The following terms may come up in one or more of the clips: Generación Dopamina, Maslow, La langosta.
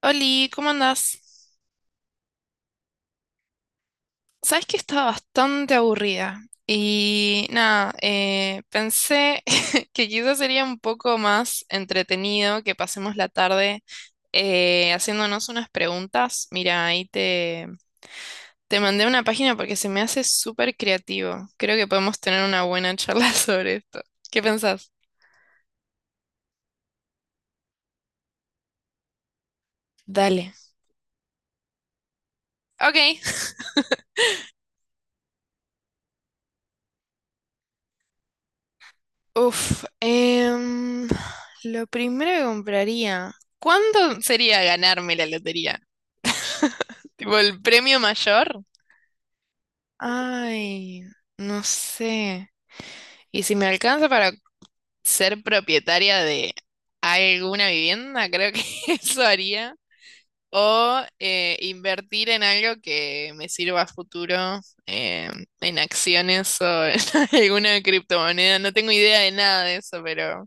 Oli, ¿cómo andás? Sabes que estaba bastante aburrida y nada, pensé que quizás sería un poco más entretenido que pasemos la tarde haciéndonos unas preguntas. Mira, te mandé una página porque se me hace súper creativo. Creo que podemos tener una buena charla sobre esto. ¿Qué pensás? Dale. Ok. Uf, em, lo primero que compraría, ¿cuánto sería ganarme la lotería? Tipo el premio mayor. Ay, no sé. Y si me alcanza para ser propietaria de alguna vivienda, creo que eso haría. O invertir en algo que me sirva a futuro, eh, en acciones o en alguna criptomoneda. No tengo idea de nada de eso, pero.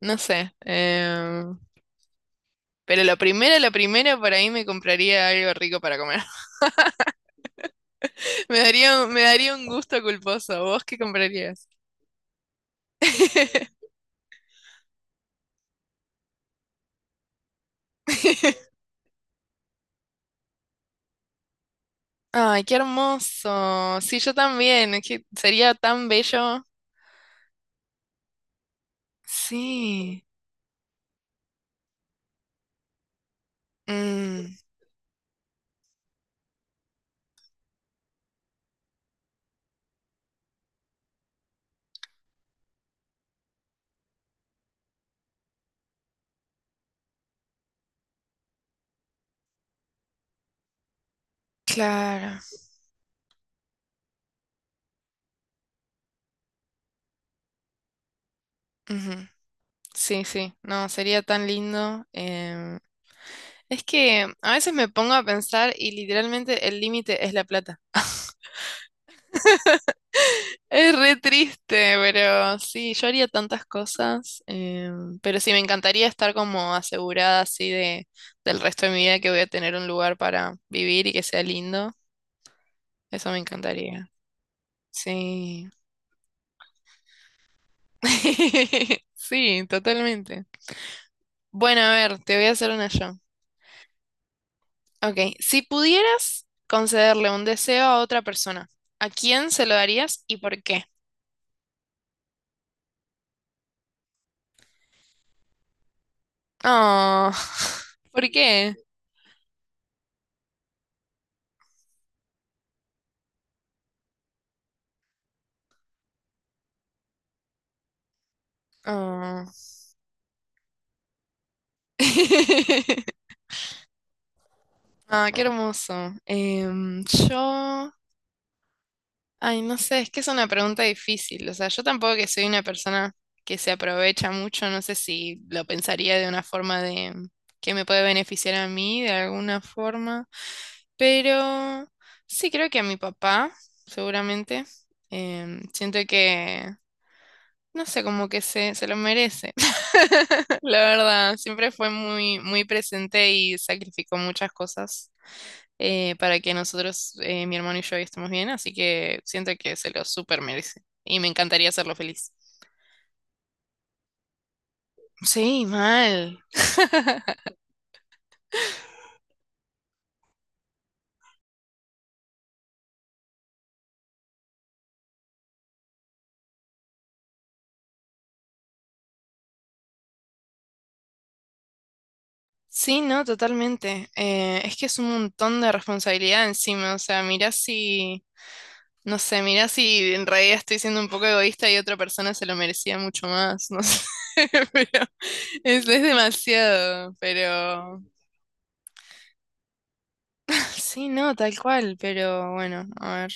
No sé. Pero la primera, por ahí me compraría algo rico para comer. Me daría un gusto culposo. ¿Vos qué comprarías? Ay, qué hermoso. Sí, yo también. Es que sería tan bello. Sí. Mm, claro. Ujú. Sí, sí. No, sería tan lindo. Es que a veces me pongo a pensar y literalmente el límite es la plata. Es re triste, pero sí, yo haría tantas cosas, pero sí, me encantaría estar como asegurada así del resto de mi vida que voy a tener un lugar para vivir y que sea lindo. Eso me encantaría. Sí. Sí, totalmente. Bueno, a ver, te voy a hacer una yo. Ok, si pudieras concederle un deseo a otra persona, ¿a quién se lo darías y por qué? Oh. ¿Por qué? Oh. Ah, qué hermoso. Em, yo, ay, no sé, es que es una pregunta difícil. O sea, yo tampoco que soy una persona que se aprovecha mucho, no sé si lo pensaría de una forma de que me puede beneficiar a mí de alguna forma, pero sí creo que a mi papá, seguramente. Em, siento que, no sé, como que se lo merece. La verdad, siempre fue muy, muy presente y sacrificó muchas cosas para que nosotros, mi hermano y yo, estemos bien, así que siento que se lo súper merece y me encantaría hacerlo feliz. Sí, mal. Sí, no, totalmente. Es que es un montón de responsabilidad encima, o sea, mirá si, no sé, mirá si en realidad estoy siendo un poco egoísta y otra persona se lo merecía mucho más, no sé, pero es demasiado, pero... Sí, no, tal cual, pero bueno, a ver.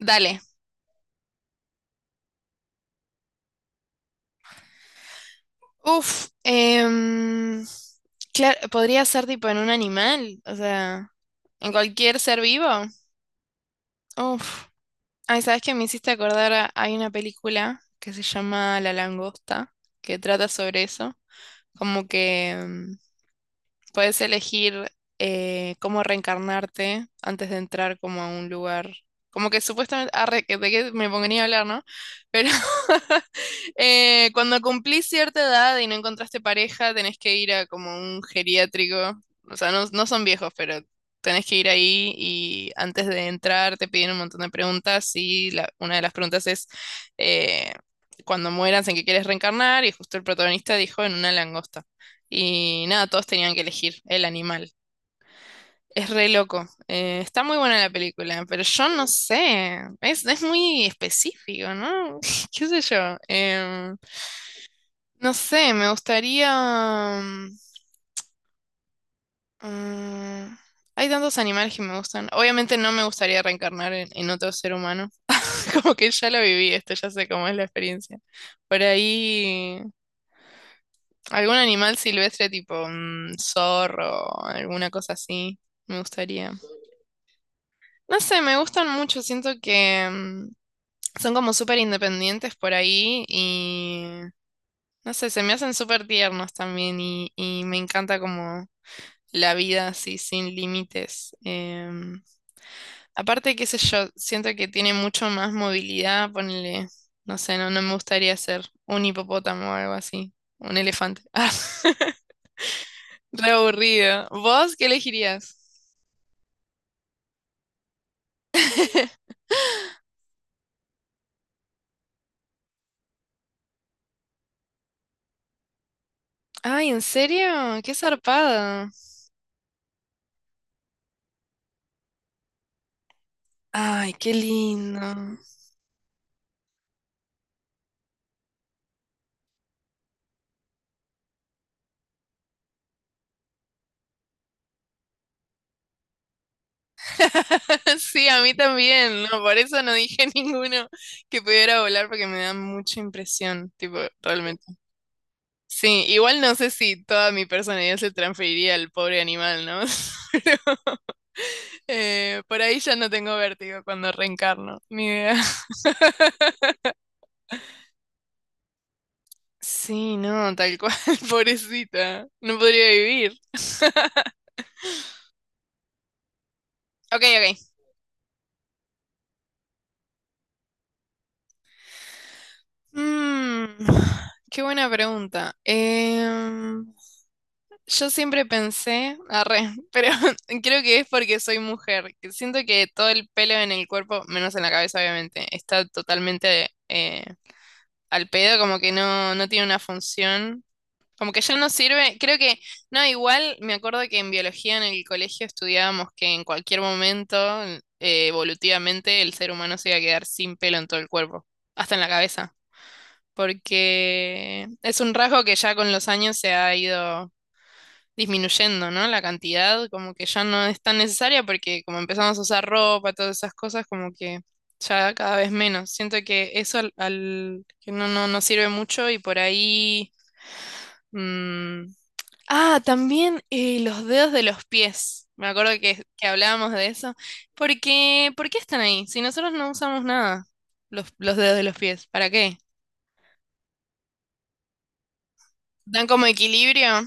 Dale. Uf, em, claro, podría ser tipo en un animal, o sea, en cualquier ser vivo. Uf, ay, ¿sabes qué me hiciste acordar? Hay una película que se llama La Langosta, que trata sobre eso, como que puedes elegir cómo reencarnarte antes de entrar como a un lugar. Como que supuestamente, arre, de qué me pongo ni a hablar, ¿no? Pero cuando cumplís cierta edad y no encontraste pareja, tenés que ir a como un geriátrico. O sea, no, no son viejos, pero tenés que ir ahí y antes de entrar te piden un montón de preguntas y una de las preguntas es eh, cuando mueras en qué quieres reencarnar y justo el protagonista dijo en una langosta. Y nada, todos tenían que elegir el animal. Es re loco. Está muy buena la película, pero yo no sé. Es muy específico, ¿no? ¿Qué sé yo? No sé, me gustaría... mm, hay tantos animales que me gustan. Obviamente no me gustaría reencarnar en otro ser humano. Como que ya lo viví esto, ya sé cómo es la experiencia. Por ahí, algún animal silvestre tipo zorro, alguna cosa así, me gustaría. No sé, me gustan mucho, siento que son como súper independientes por ahí y... No sé, se me hacen súper tiernos también y me encanta como la vida así sin límites. Em, aparte, qué sé yo, siento que tiene mucho más movilidad, ponele, no sé, no me gustaría ser un hipopótamo o algo así, un elefante. Ah, re aburrido. ¿Vos qué elegirías? Ay, ¿en serio? Qué zarpada. Ay, qué lindo. Sí, a mí también, no, por eso no dije ninguno que pudiera volar porque me da mucha impresión, tipo, realmente. Sí, igual no sé si toda mi personalidad se transferiría al pobre animal, ¿no? Pero, por ahí ya no tengo vértigo cuando reencarno, ni idea. Sí, no, tal cual, pobrecita, no podría vivir. Ok, ok. Mm, qué buena pregunta. Em, yo siempre pensé, arre, pero creo que es porque soy mujer, que siento que todo el pelo en el cuerpo, menos en la cabeza obviamente, está totalmente al pedo, como que no, no tiene una función. Como que ya no sirve, creo que, no, igual me acuerdo que en biología en el colegio estudiábamos que en cualquier momento, eh, evolutivamente, el ser humano se iba a quedar sin pelo en todo el cuerpo, hasta en la cabeza, porque es un rasgo que ya con los años se ha ido disminuyendo, ¿no? La cantidad como que ya no es tan necesaria porque como empezamos a usar ropa, todas esas cosas, como que ya cada vez menos. Siento que eso que no, no, no sirve mucho y por ahí... mm, ah, también los dedos de los pies. Me acuerdo que hablábamos de eso. Porque, ¿por qué están ahí? Si nosotros no usamos nada, los dedos de los pies, ¿para qué? ¿Dan como equilibrio?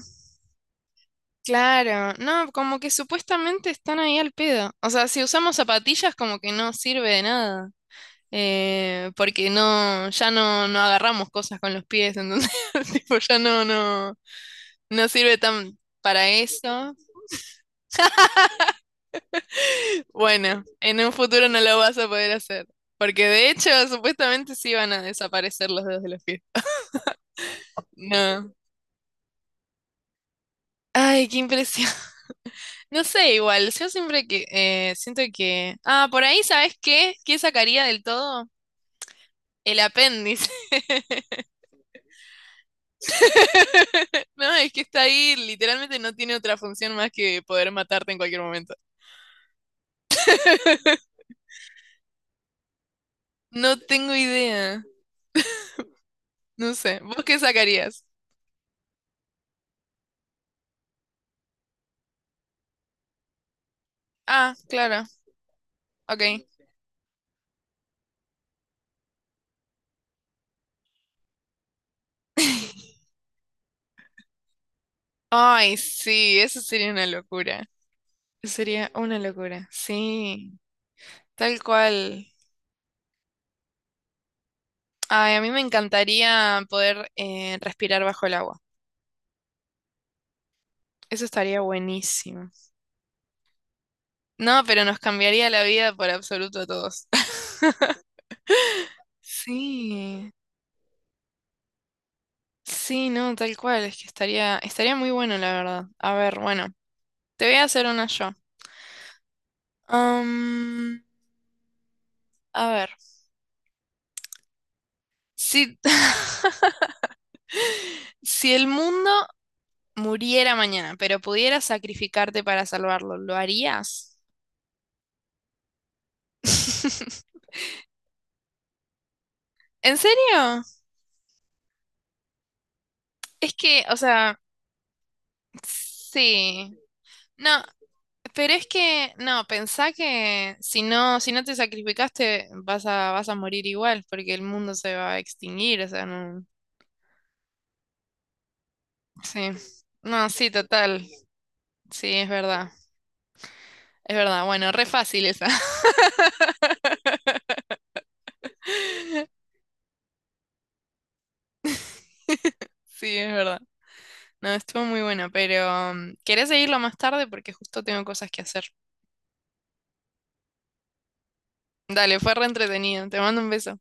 Claro, no, como que supuestamente están ahí al pedo. O sea, si usamos zapatillas como que no sirve de nada. Porque no, ya no, no agarramos cosas con los pies, entonces tipo, ya no, no sirve tan para eso. Bueno, en un futuro no lo vas a poder hacer. Porque de hecho, supuestamente sí van a desaparecer los dedos de los pies. No. Ay, qué impresión. No sé, igual, yo siempre que siento que. Ah, por ahí, ¿sabes qué? ¿Qué sacaría del todo? El apéndice. No, es que está ahí, literalmente no tiene otra función más que poder matarte en cualquier momento. No tengo idea. No sé. ¿Vos qué sacarías? Ah, claro. Ok. Ay, sí, eso sería una locura. Eso sería una locura. Sí, tal cual. Ay, a mí me encantaría poder respirar bajo el agua. Eso estaría buenísimo. No, pero nos cambiaría la vida por absoluto a todos. Sí. Sí, no, tal cual, es que estaría muy bueno, la verdad. A ver, bueno, te voy a hacer una yo. Am, a ver, si, si el mundo muriera mañana, pero pudieras sacrificarte para salvarlo, ¿lo harías? ¿En serio? Es que, o sea, sí. No, pero es que, no, pensá que si no, si no te sacrificaste, vas a morir igual, porque el mundo se va a extinguir, o sea, no. Sí. No, sí, total. Sí, es verdad. Es verdad. Bueno, re fácil esa. Sí, es verdad. No, estuvo muy bueno, pero ¿querés seguirlo más tarde? Porque justo tengo cosas que hacer. Dale, fue re entretenido. Te mando un beso.